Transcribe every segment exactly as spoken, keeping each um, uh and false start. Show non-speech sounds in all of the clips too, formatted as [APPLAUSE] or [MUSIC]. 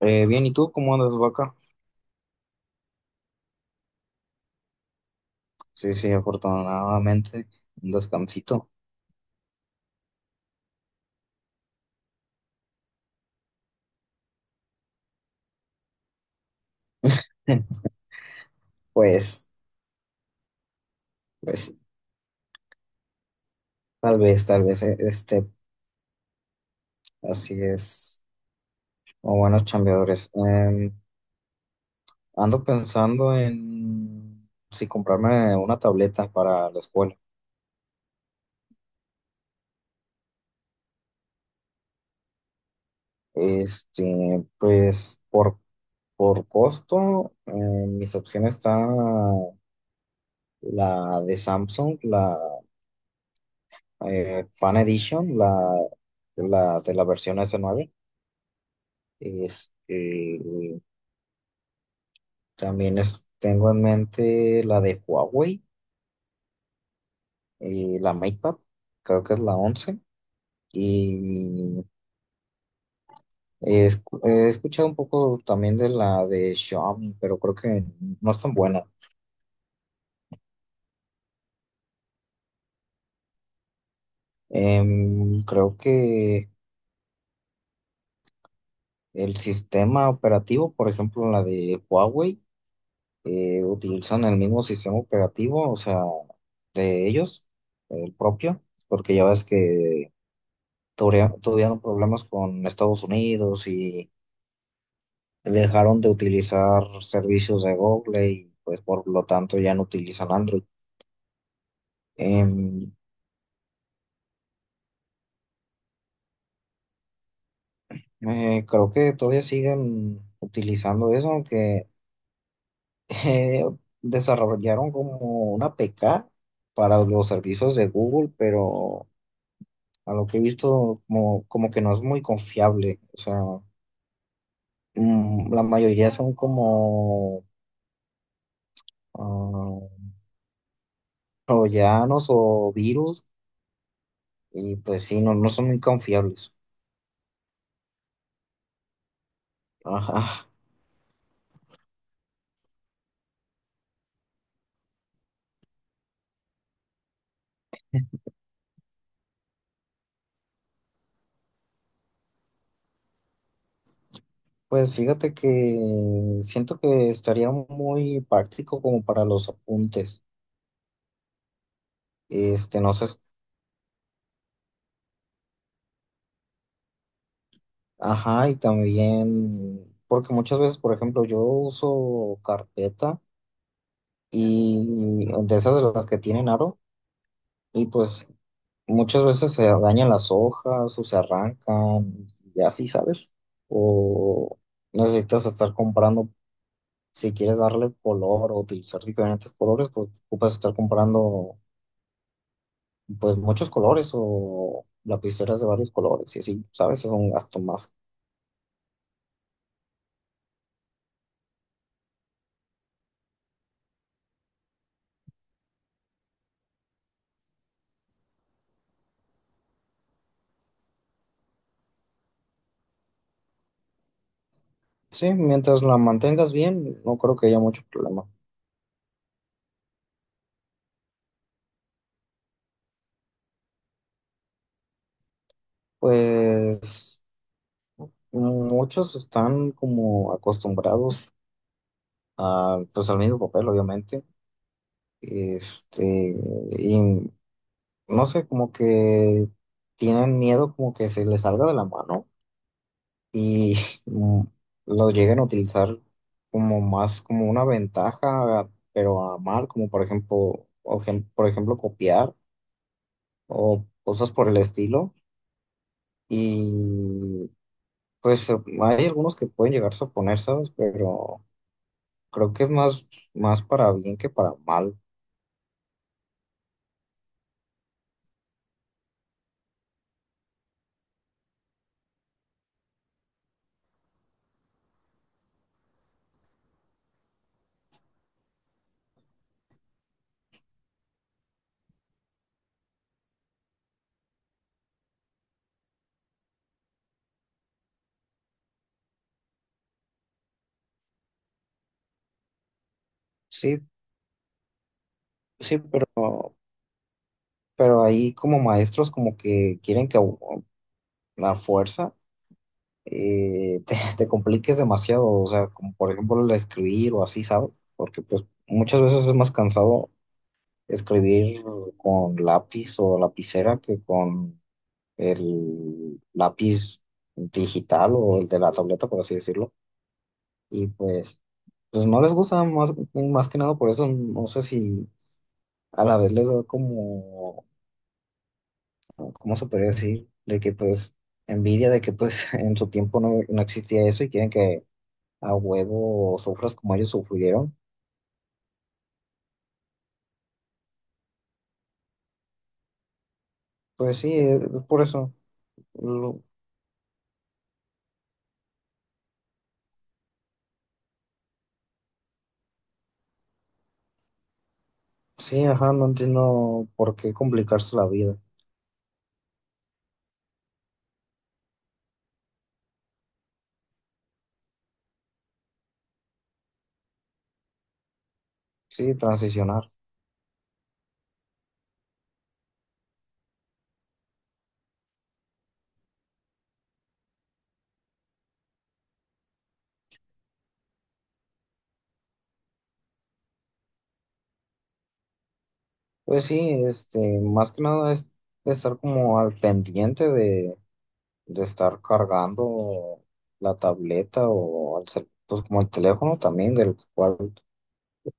Eh, bien, ¿y tú cómo andas, vaca? Sí, sí, afortunadamente, un descansito. [LAUGHS] Pues, pues, tal vez, tal vez, eh, este, así es, o buenos chambeadores. Em, ando pensando en si comprarme una tableta para la escuela. Este, pues, por, por costo, eh, mis opciones están la de Samsung, la eh, Fan Edition, la, la de la versión s nueve. Este, También es- tengo en mente la de Huawei, eh, la MatePad, creo que es la once. Y he, escu- he escuchado un poco también de la de Xiaomi, pero creo que no es tan buena. Em, creo que el sistema operativo, por ejemplo, la de Huawei, eh, utilizan el mismo sistema operativo, o sea, de ellos, el propio, porque ya ves que tuvieron tuvieron problemas con Estados Unidos y dejaron de utilizar servicios de Google y pues por lo tanto ya no utilizan Android. Em, eh, Creo que todavía siguen utilizando eso, aunque [LAUGHS] eh, desarrollaron como una A P K para los servicios de Google, pero a lo que he visto como, como que no es muy confiable. O sea, mm, la mayoría son como ah, troyanos o virus. Y pues sí, no, no son muy confiables. Ajá. Pues fíjate que siento que estaría muy práctico como para los apuntes. Este, no sé, ajá, y también, porque muchas veces, por ejemplo, yo uso carpeta y de esas de las que tienen aro, y pues muchas veces se dañan las hojas o se arrancan y así, ¿sabes? O necesitas estar comprando si quieres darle color o utilizar diferentes colores, pues ocupas estar comprando pues muchos colores o lapiceras de varios colores y así, ¿sabes? Es un gasto más. Sí, mientras la mantengas bien, no creo que haya mucho problema. Pues muchos están como acostumbrados a pues al mismo papel, obviamente. Este, y no sé, como que tienen miedo como que se les salga de la mano y mm, lo llegan a utilizar como más como una ventaja, pero a mal, como por ejemplo, o gen- por ejemplo copiar o cosas por el estilo. Y pues eh, hay algunos que pueden llegarse a poner, ¿sabes? Pero creo que es más, más para bien que para mal. Sí, sí, pero, pero ahí como maestros como que quieren que a u- a la fuerza. Eh, te, [LAUGHS] te compliques demasiado, o sea, como por ejemplo el escribir o así, ¿sabes? Porque pues muchas veces es más cansado escribir con lápiz o lapicera que con el lápiz digital o el de la tableta, por así decirlo. Y pues, pues no les gusta más, más que nada, por eso no sé si a la vez les da como, ¿cómo se podría decir? De que pues envidia de que pues [LAUGHS] en su tiempo no, no existía eso y quieren que a huevo sufras como ellos sufrieron. Pues sí, es por eso. Lo- sí, ajá, no entiendo por qué complicarse la vida. Sí, transicionar. Pues sí, este, más que nada es estar como al pendiente de, de estar cargando la tableta o al cel- pues como el teléfono también, del cual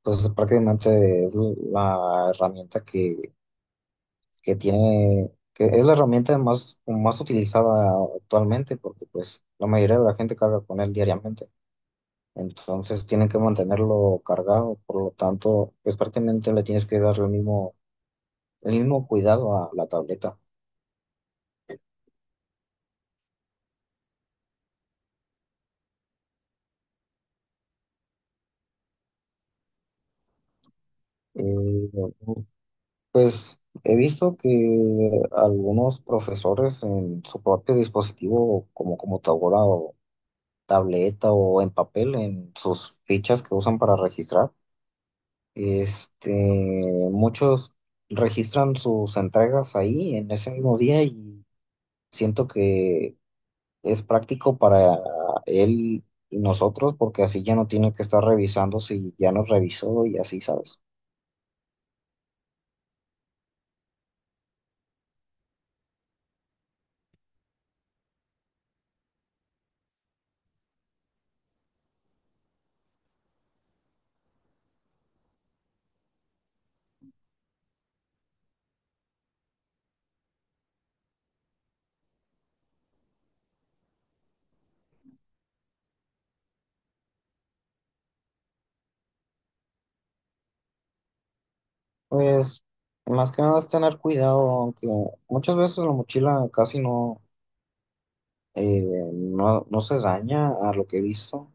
pues prácticamente es la herramienta que que tiene, que es la herramienta más, más utilizada actualmente, porque pues la mayoría de la gente carga con él diariamente. Entonces tienen que mantenerlo cargado, por lo tanto, pues prácticamente le tienes que dar el mismo, el mismo cuidado a la tableta. Eh, pues he visto que algunos profesores en su propio dispositivo, como computadora o tableta o en papel, en sus fichas que usan para registrar. Este, Muchos registran sus entregas ahí en ese mismo día y siento que es práctico para él y nosotros porque así ya no tiene que estar revisando si ya nos revisó y así, ¿sabes? Pues más que nada es tener cuidado, aunque muchas veces la mochila casi no, eh, no, no se daña a lo que he visto,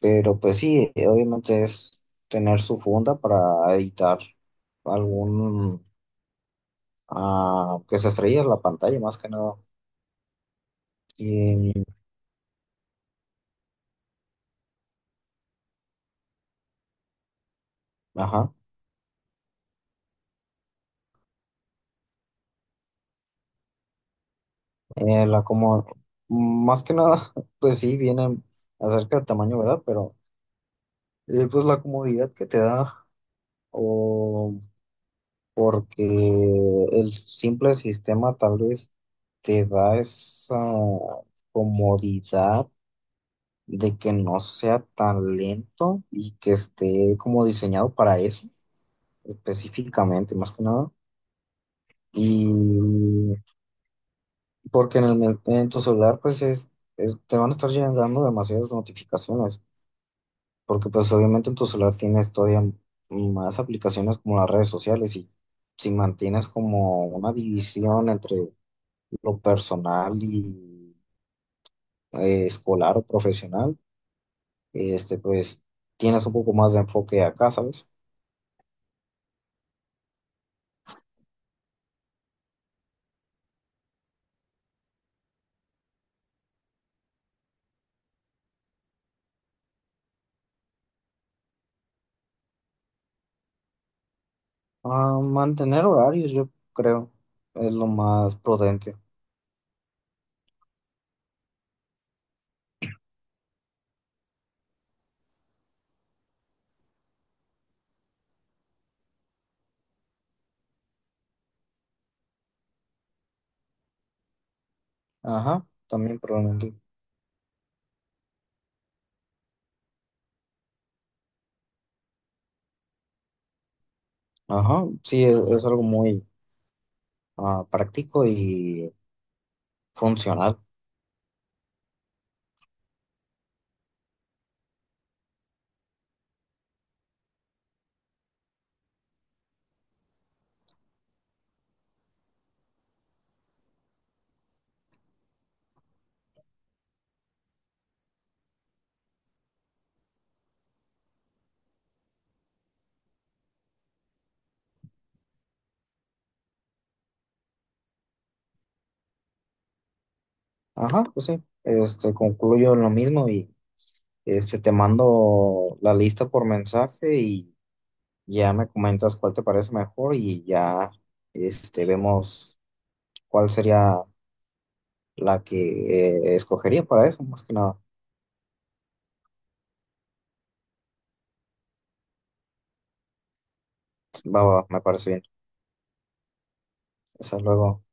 pero pues sí, obviamente es tener su funda para evitar algún ah, que se estrella la pantalla más que nada. Y, ajá, eh, la como, más que nada, [LAUGHS] pues sí, viene acerca del tamaño, ¿verdad? Pero eh, pues la comodidad que te da, o porque el simple sistema tal vez te da esa comodidad de que no sea tan lento y que esté como diseñado para eso específicamente, más que nada. Y porque en el, men- en tu celular, pues es, es- te van a estar llegando demasiadas notificaciones, porque pues obviamente en tu celular tienes todavía más aplicaciones como las redes sociales y si mantienes como una división entre lo personal y eh, escolar o profesional, este, pues tienes un poco más de enfoque acá, ¿sabes? Ah, mantener horarios, yo creo, es lo más prudente. Ajá, también prudente. Ajá, sí, es es algo muy ah, práctico y funcional. Ajá, pues sí, este, concluyo en lo mismo y este, te mando la lista por mensaje y ya me comentas cuál te parece mejor y ya este, vemos cuál sería la que eh, escogería para eso, más que nada. Va, va, me parece bien. Hasta luego.